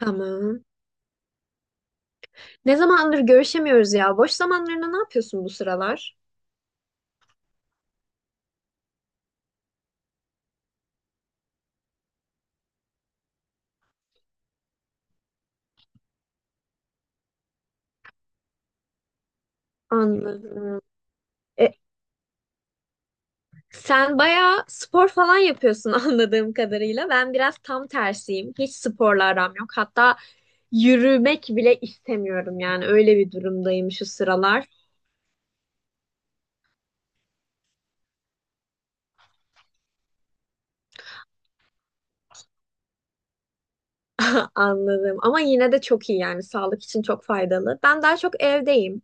Tamam. Ne zamandır görüşemiyoruz ya? Boş zamanlarında ne yapıyorsun bu sıralar? Anladım. E, Sen bayağı spor falan yapıyorsun anladığım kadarıyla. Ben biraz tam tersiyim. Hiç sporla aram yok. Hatta yürümek bile istemiyorum yani. Öyle bir durumdayım şu sıralar. Anladım. Ama yine de çok iyi yani. Sağlık için çok faydalı. Ben daha çok evdeyim.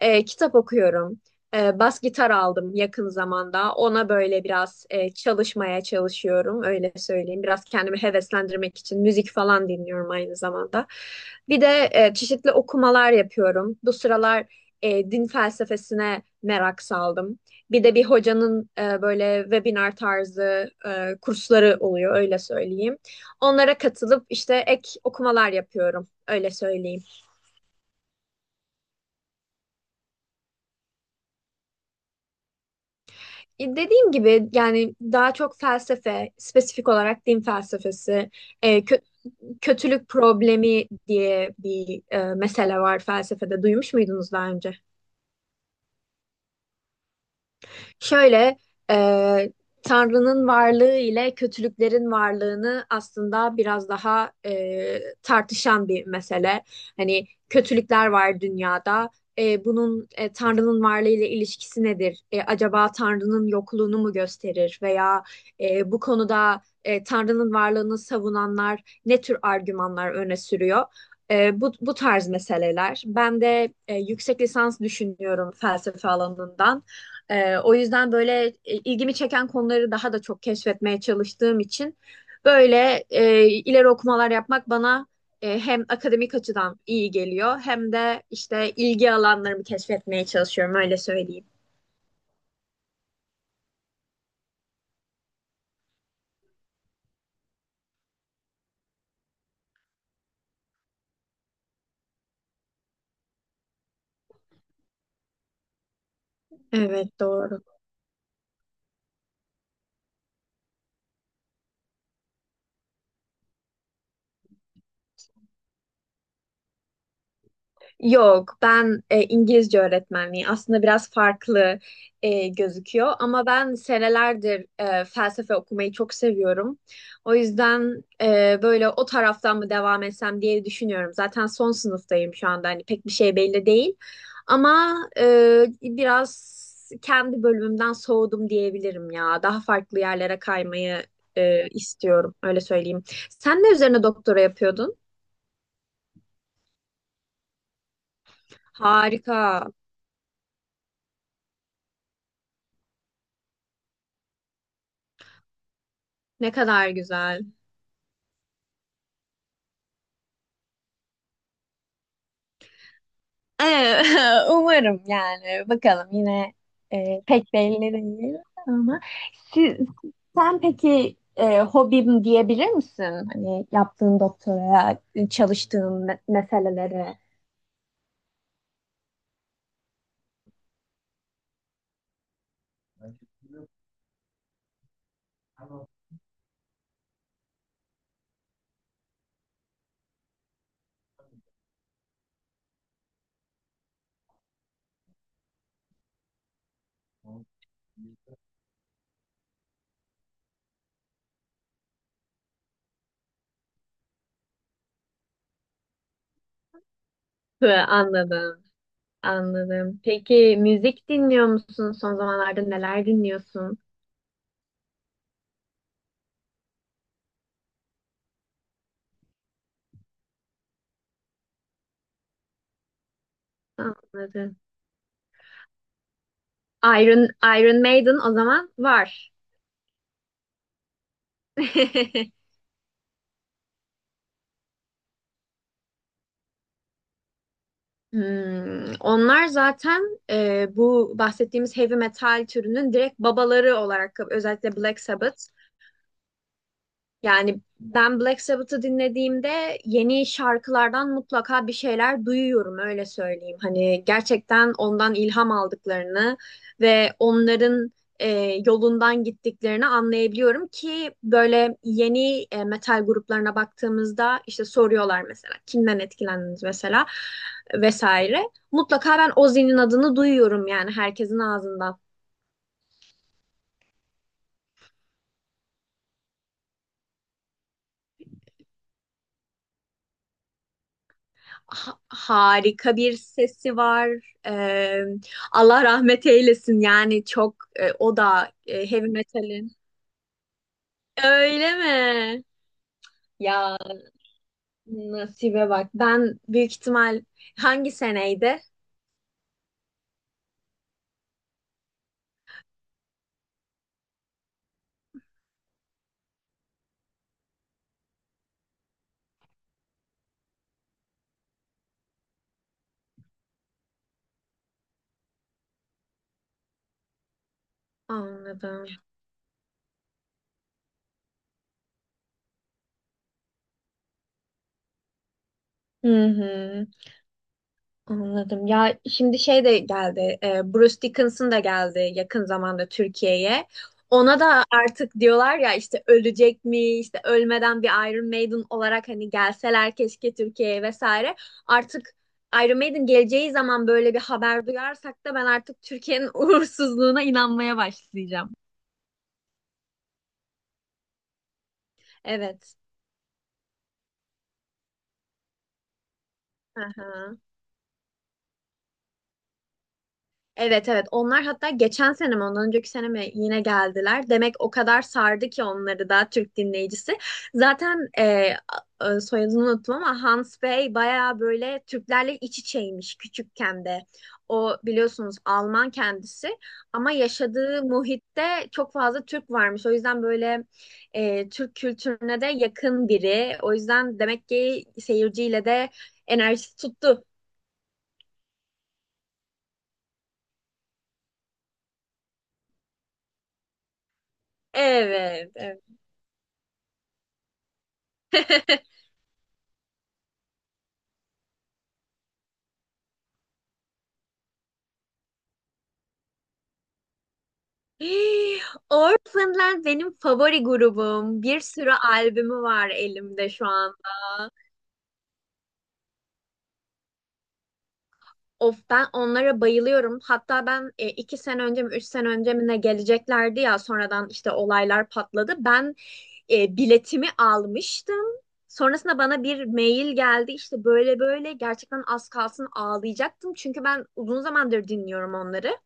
Kitap okuyorum. Bas gitar aldım yakın zamanda. Ona böyle biraz çalışmaya çalışıyorum, öyle söyleyeyim. Biraz kendimi heveslendirmek için müzik falan dinliyorum aynı zamanda. Bir de çeşitli okumalar yapıyorum. Bu sıralar din felsefesine merak saldım. Bir de bir hocanın böyle webinar tarzı kursları oluyor, öyle söyleyeyim. Onlara katılıp işte ek okumalar yapıyorum, öyle söyleyeyim. Dediğim gibi yani daha çok felsefe, spesifik olarak din felsefesi, e, kö- kötülük problemi diye bir mesele var felsefede. Duymuş muydunuz daha önce? Şöyle e, Tanrı'nın varlığı ile kötülüklerin varlığını aslında biraz daha tartışan bir mesele. Hani kötülükler var dünyada. Bunun Tanrı'nın varlığı ile ilişkisi nedir? Acaba Tanrı'nın yokluğunu mu gösterir? Veya bu konuda Tanrı'nın varlığını savunanlar ne tür argümanlar öne sürüyor? Bu tarz meseleler. Ben de yüksek lisans düşünüyorum felsefe alanından. O yüzden böyle ilgimi çeken konuları daha da çok keşfetmeye çalıştığım için böyle ileri okumalar yapmak bana hem akademik açıdan iyi geliyor hem de işte ilgi alanlarımı keşfetmeye çalışıyorum, öyle söyleyeyim. Evet, doğru. Yok, ben İngilizce öğretmenliği aslında biraz farklı gözüküyor ama ben senelerdir felsefe okumayı çok seviyorum. O yüzden böyle o taraftan mı devam etsem diye düşünüyorum. Zaten son sınıftayım şu anda, hani pek bir şey belli değil ama biraz kendi bölümümden soğudum diyebilirim ya. Daha farklı yerlere kaymayı istiyorum, öyle söyleyeyim. Sen ne üzerine doktora yapıyordun? Harika. Ne kadar güzel. Umarım yani. Bakalım, yine pek belli değil ama siz, sen peki hobim diyebilir misin? Hani yaptığın doktoraya, çalıştığın meselelere. Hı, anladım, anladım. Peki müzik dinliyor musun? Son zamanlarda neler dinliyorsun? Anladım. Iron, Iron Maiden o zaman var. Hmm, onlar zaten bu bahsettiğimiz heavy metal türünün direkt babaları, olarak özellikle Black Sabbath. Yani ben Black Sabbath'ı dinlediğimde yeni şarkılardan mutlaka bir şeyler duyuyorum, öyle söyleyeyim. Hani gerçekten ondan ilham aldıklarını ve onların e, yolundan gittiklerini anlayabiliyorum ki böyle yeni metal gruplarına baktığımızda işte soruyorlar, mesela kimden etkilendiniz mesela vesaire. Mutlaka ben Ozzy'nin adını duyuyorum, yani herkesin ağzından. Harika bir sesi var. Ee, Allah rahmet eylesin. Yani çok o da heavy metalin. Öyle mi? Ya, nasibe bak. Ben büyük ihtimal hangi seneydi? Anladım. Hı hı. Anladım. Ya şimdi şey de geldi. Bruce Dickinson da geldi yakın zamanda Türkiye'ye. Ona da artık diyorlar ya işte ölecek mi, işte ölmeden bir Iron Maiden olarak hani gelseler keşke Türkiye'ye vesaire. Artık Iron Maiden geleceği zaman böyle bir haber duyarsak da ben artık Türkiye'nin uğursuzluğuna inanmaya başlayacağım. Evet. Aha. Evet, evet, onlar hatta geçen sene mi ondan önceki sene mi yine geldiler. Demek o kadar sardı ki onları da Türk dinleyicisi. Zaten soyadını unuttum ama Hans Bey bayağı böyle Türklerle iç içeymiş küçükken de. O biliyorsunuz Alman kendisi ama yaşadığı muhitte çok fazla Türk varmış. O yüzden böyle Türk kültürüne de yakın biri. O yüzden demek ki seyirciyle de enerjisi tuttu. Evet, evet. Orphanland benim favori grubum. Bir sürü albümü var elimde şu anda. Of, ben onlara bayılıyorum. Hatta ben iki sene önce mi üç sene önce mi ne geleceklerdi ya, sonradan işte olaylar patladı. Ben biletimi almıştım. Sonrasında bana bir mail geldi, işte böyle böyle, gerçekten az kalsın ağlayacaktım. Çünkü ben uzun zamandır dinliyorum onları.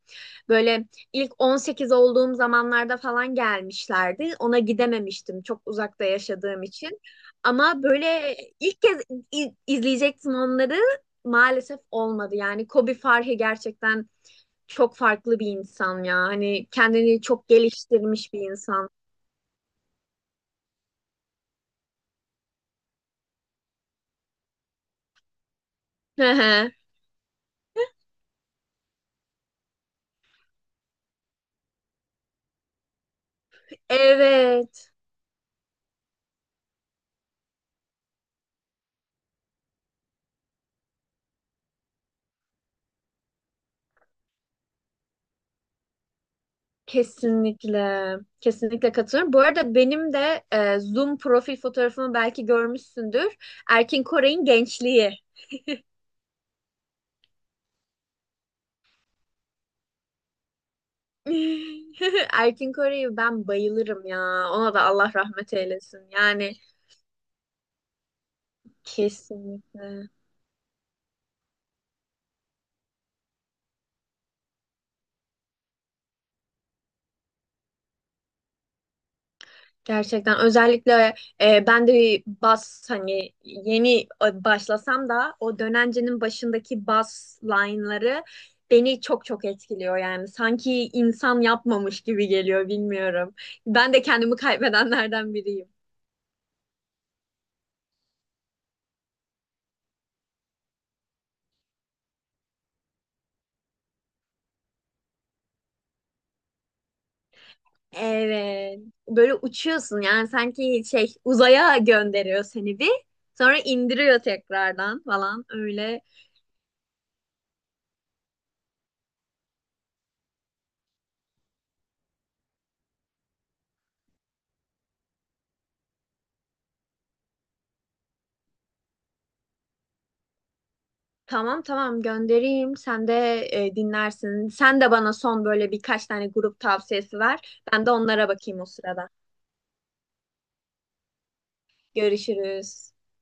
Böyle ilk 18 olduğum zamanlarda falan gelmişlerdi. Ona gidememiştim, çok uzakta yaşadığım için. Ama böyle ilk kez izleyecektim onları, maalesef olmadı. Yani Kobe Farhi gerçekten çok farklı bir insan ya. Hani kendini çok geliştirmiş bir insan. Hı hı. Evet, kesinlikle. Kesinlikle katılıyorum. Bu arada benim de Zoom profil fotoğrafımı belki görmüşsündür. Erkin Koray'ın gençliği. Erkin Koray'ı ben bayılırım ya. Ona da Allah rahmet eylesin. Yani kesinlikle. Gerçekten özellikle ben de bas, hani yeni başlasam da o dönencenin başındaki bas line'ları beni çok çok etkiliyor yani. Sanki insan yapmamış gibi geliyor, bilmiyorum. Ben de kendimi kaybedenlerden biriyim. Evet. Böyle uçuyorsun yani, sanki şey, uzaya gönderiyor seni, bir sonra indiriyor tekrardan falan, öyle. Tamam, tamam, göndereyim. Sen de dinlersin. Sen de bana son böyle birkaç tane grup tavsiyesi ver. Ben de onlara bakayım o sırada. Görüşürüz.